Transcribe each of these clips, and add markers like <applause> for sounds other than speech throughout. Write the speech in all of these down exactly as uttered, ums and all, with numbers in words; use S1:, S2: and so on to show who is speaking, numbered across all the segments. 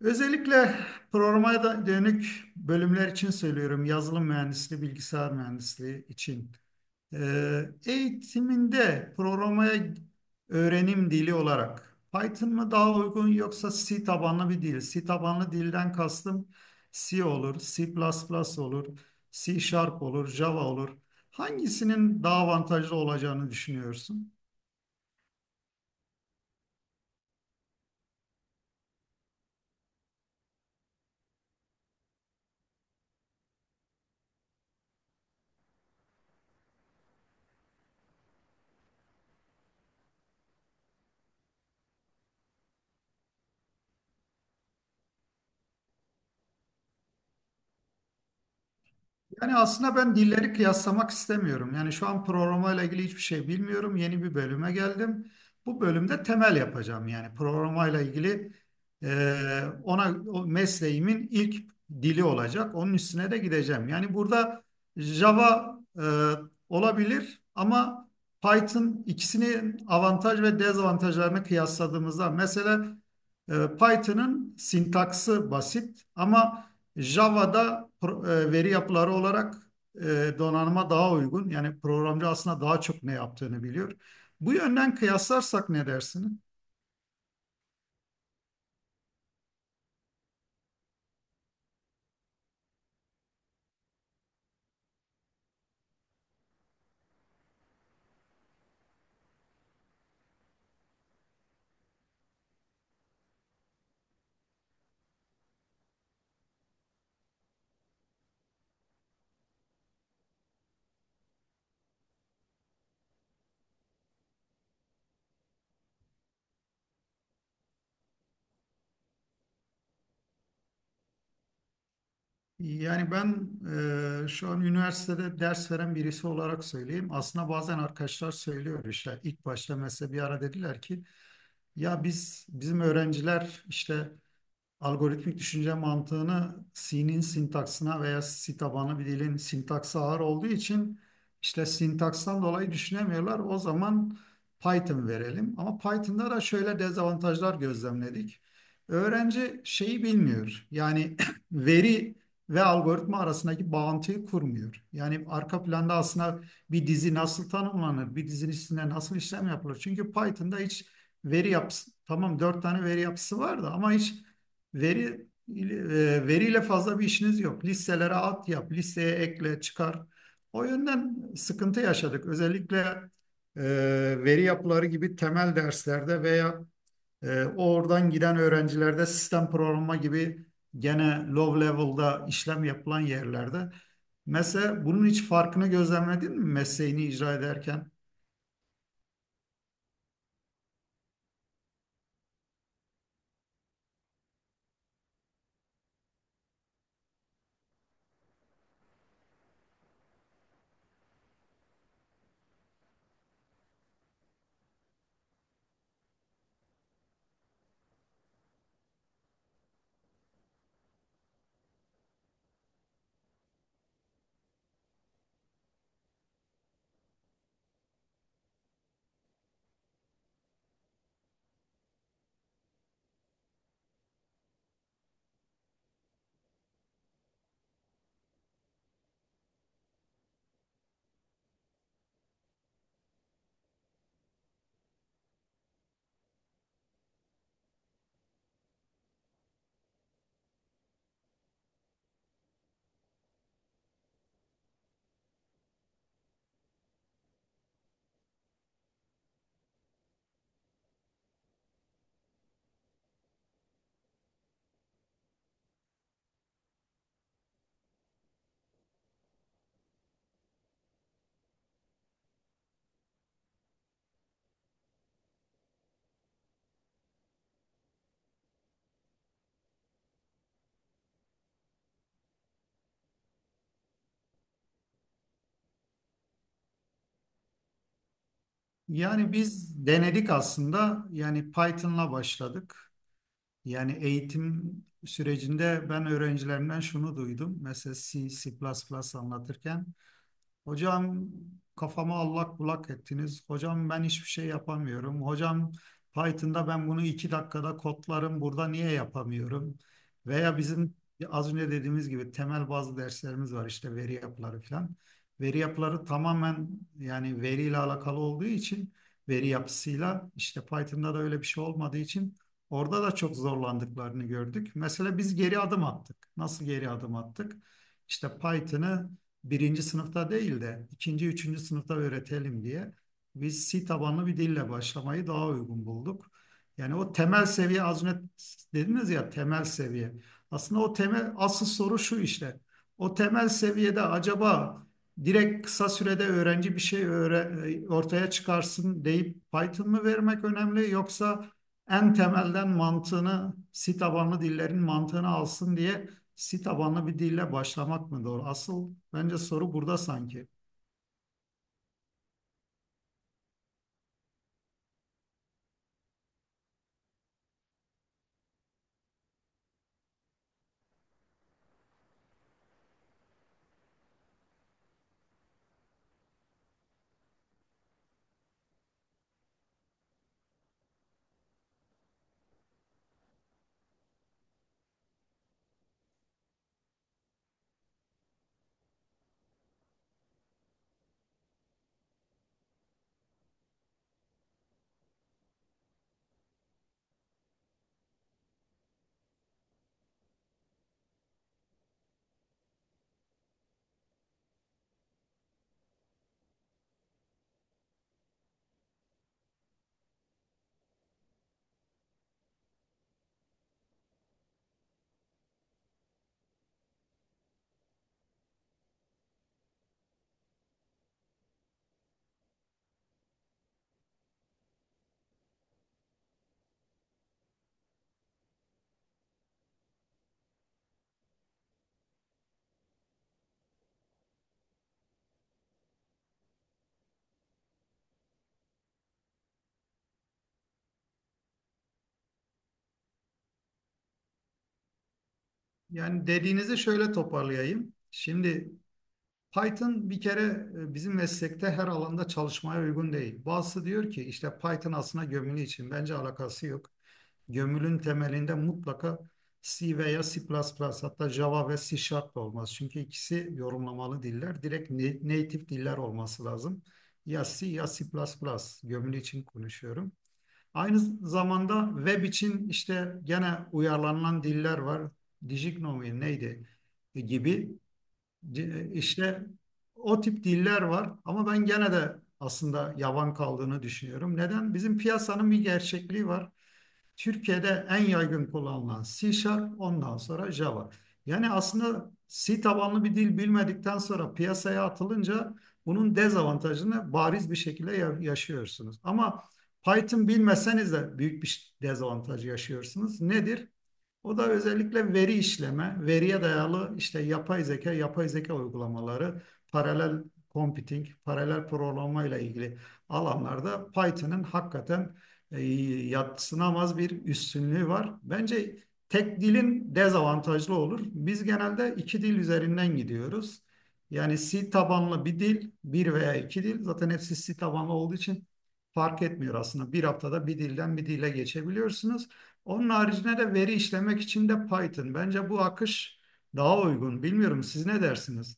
S1: Özellikle programa da- dönük bölümler için söylüyorum. Yazılım mühendisliği, bilgisayar mühendisliği için. Ee, eğitiminde programaya öğrenim dili olarak Python mı daha uygun yoksa C tabanlı bir dil? C tabanlı dilden kastım C olur, C++ olur, C Sharp olur, Java olur. Hangisinin daha avantajlı olacağını düşünüyorsun? Yani aslında ben dilleri kıyaslamak istemiyorum. Yani şu an programla ilgili hiçbir şey bilmiyorum. Yeni bir bölüme geldim. Bu bölümde temel yapacağım. Yani programla ilgili e, ona o mesleğimin ilk dili olacak. Onun üstüne de gideceğim. Yani burada Java e, olabilir ama Python ikisinin avantaj ve dezavantajlarını kıyasladığımızda mesela e, Python'ın sintaksı basit ama Java'da pro- e, veri yapıları olarak e, donanıma daha uygun. Yani programcı aslında daha çok ne yaptığını biliyor. Bu yönden kıyaslarsak ne dersin? Yani ben e, şu an üniversitede ders veren birisi olarak söyleyeyim. Aslında bazen arkadaşlar söylüyor, işte ilk başta mesela bir ara dediler ki ya biz bizim öğrenciler işte algoritmik düşünce mantığını C'nin sintaksına veya C tabanlı bir dilin sintaksı ağır olduğu için işte sintakstan dolayı düşünemiyorlar. O zaman Python verelim. Ama Python'da da şöyle dezavantajlar gözlemledik. Öğrenci şeyi bilmiyor. Yani <clears throat> veri ve algoritma arasındaki bağıntıyı kurmuyor. Yani arka planda aslında bir dizi nasıl tanımlanır, bir dizinin içinde nasıl işlem yapılır. Çünkü Python'da hiç veri yapısı, tamam dört tane veri yapısı var da ama hiç Veri e, veriyle fazla bir işiniz yok. Listelere at yap, listeye ekle, çıkar. O yönden sıkıntı yaşadık. Özellikle e, veri yapıları gibi temel derslerde veya e, oradan giden öğrencilerde sistem programı gibi gene low level'da işlem yapılan yerlerde. Mesela bunun hiç farkını gözlemledin mi mesleğini icra ederken? Yani biz denedik aslında. Yani Python'la başladık. Yani eğitim sürecinde ben öğrencilerimden şunu duydum. Mesela C, C++ anlatırken, "Hocam, kafamı allak bullak ettiniz. Hocam, ben hiçbir şey yapamıyorum. Hocam, Python'da ben bunu iki dakikada kodlarım. Burada niye yapamıyorum?" Veya bizim az önce dediğimiz gibi temel bazı derslerimiz var, işte veri yapıları falan. Veri yapıları tamamen, yani veriyle alakalı olduğu için, veri yapısıyla işte Python'da da öyle bir şey olmadığı için orada da çok zorlandıklarını gördük. Mesela biz geri adım attık. Nasıl geri adım attık? İşte Python'ı birinci sınıfta değil de ikinci, üçüncü sınıfta öğretelim diye biz C tabanlı bir dille başlamayı daha uygun bulduk. Yani o temel seviye, az önce dediniz ya, temel seviye. Aslında o temel, asıl soru şu işte. O temel seviyede acaba direkt kısa sürede öğrenci bir şey öğre- ortaya çıkarsın deyip Python mı vermek önemli, yoksa en temelden mantığını, C tabanlı dillerin mantığını alsın diye Si tabanlı bir dille başlamak mı doğru? Asıl bence soru burada sanki. Yani dediğinizi şöyle toparlayayım. Şimdi Python bir kere e, bizim meslekte her alanda çalışmaya uygun değil. Bazısı diyor ki işte Python aslında gömülü için. Bence alakası yok. Gömülün temelinde mutlaka C veya C++ plus plus, hatta Java ve C Sharp olmaz. Çünkü ikisi yorumlamalı diller. Direkt na- native diller olması lazım. Ya C ya C++ plus plus. Gömülü için konuşuyorum. Aynı zamanda web için işte gene uyarlanan diller var. Dijiknomi neydi gibi, işte o tip diller var ama ben gene de aslında yavan kaldığını düşünüyorum. Neden? Bizim piyasanın bir gerçekliği var. Türkiye'de en yaygın kullanılan C Sharp, ondan sonra Java. Yani aslında C tabanlı bir dil bilmedikten sonra piyasaya atılınca bunun dezavantajını bariz bir şekilde yaşıyorsunuz. Ama Python bilmeseniz de büyük bir dezavantaj yaşıyorsunuz. Nedir? O da özellikle veri işleme, veriye dayalı işte yapay zeka, yapay zeka uygulamaları, paralel computing, paralel programlamayla ilgili alanlarda Python'ın hakikaten e, yadsınamaz bir üstünlüğü var. Bence tek dilin dezavantajlı olur. Biz genelde iki dil üzerinden gidiyoruz. Yani C tabanlı bir dil, bir veya iki dil. Zaten hepsi C tabanlı olduğu için fark etmiyor aslında. Bir haftada bir dilden bir dile geçebiliyorsunuz. Onun haricinde de veri işlemek için de Python. Bence bu akış daha uygun. Bilmiyorum, siz ne dersiniz?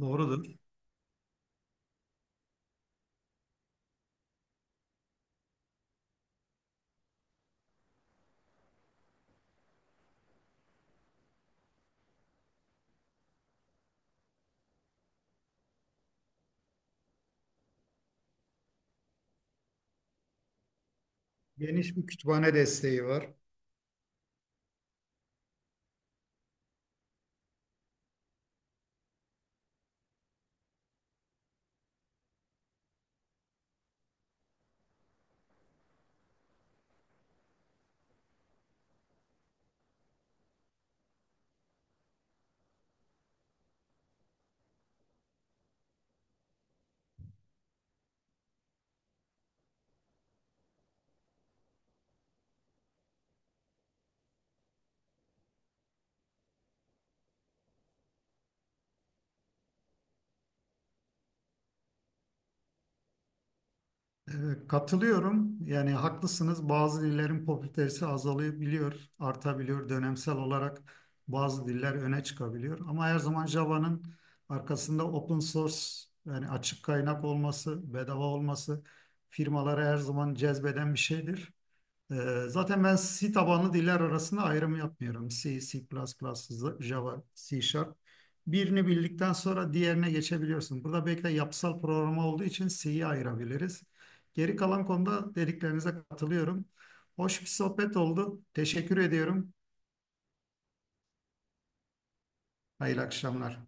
S1: Doğrudur. Geniş bir kütüphane desteği var. Ee, Katılıyorum. Yani haklısınız. Bazı dillerin popülaritesi azalabiliyor, artabiliyor. Dönemsel olarak bazı diller öne çıkabiliyor. Ama her zaman Java'nın arkasında open source, yani açık kaynak olması, bedava olması firmaları her zaman cezbeden bir şeydir. Ee, zaten ben C tabanlı diller arasında ayrım yapmıyorum. C, C++, Java, C Sharp. Birini bildikten sonra diğerine geçebiliyorsun. Burada belki de yapısal programa olduğu için C'yi ayırabiliriz. Geri kalan konuda dediklerinize katılıyorum. Hoş bir sohbet oldu. Teşekkür ediyorum. Hayırlı akşamlar.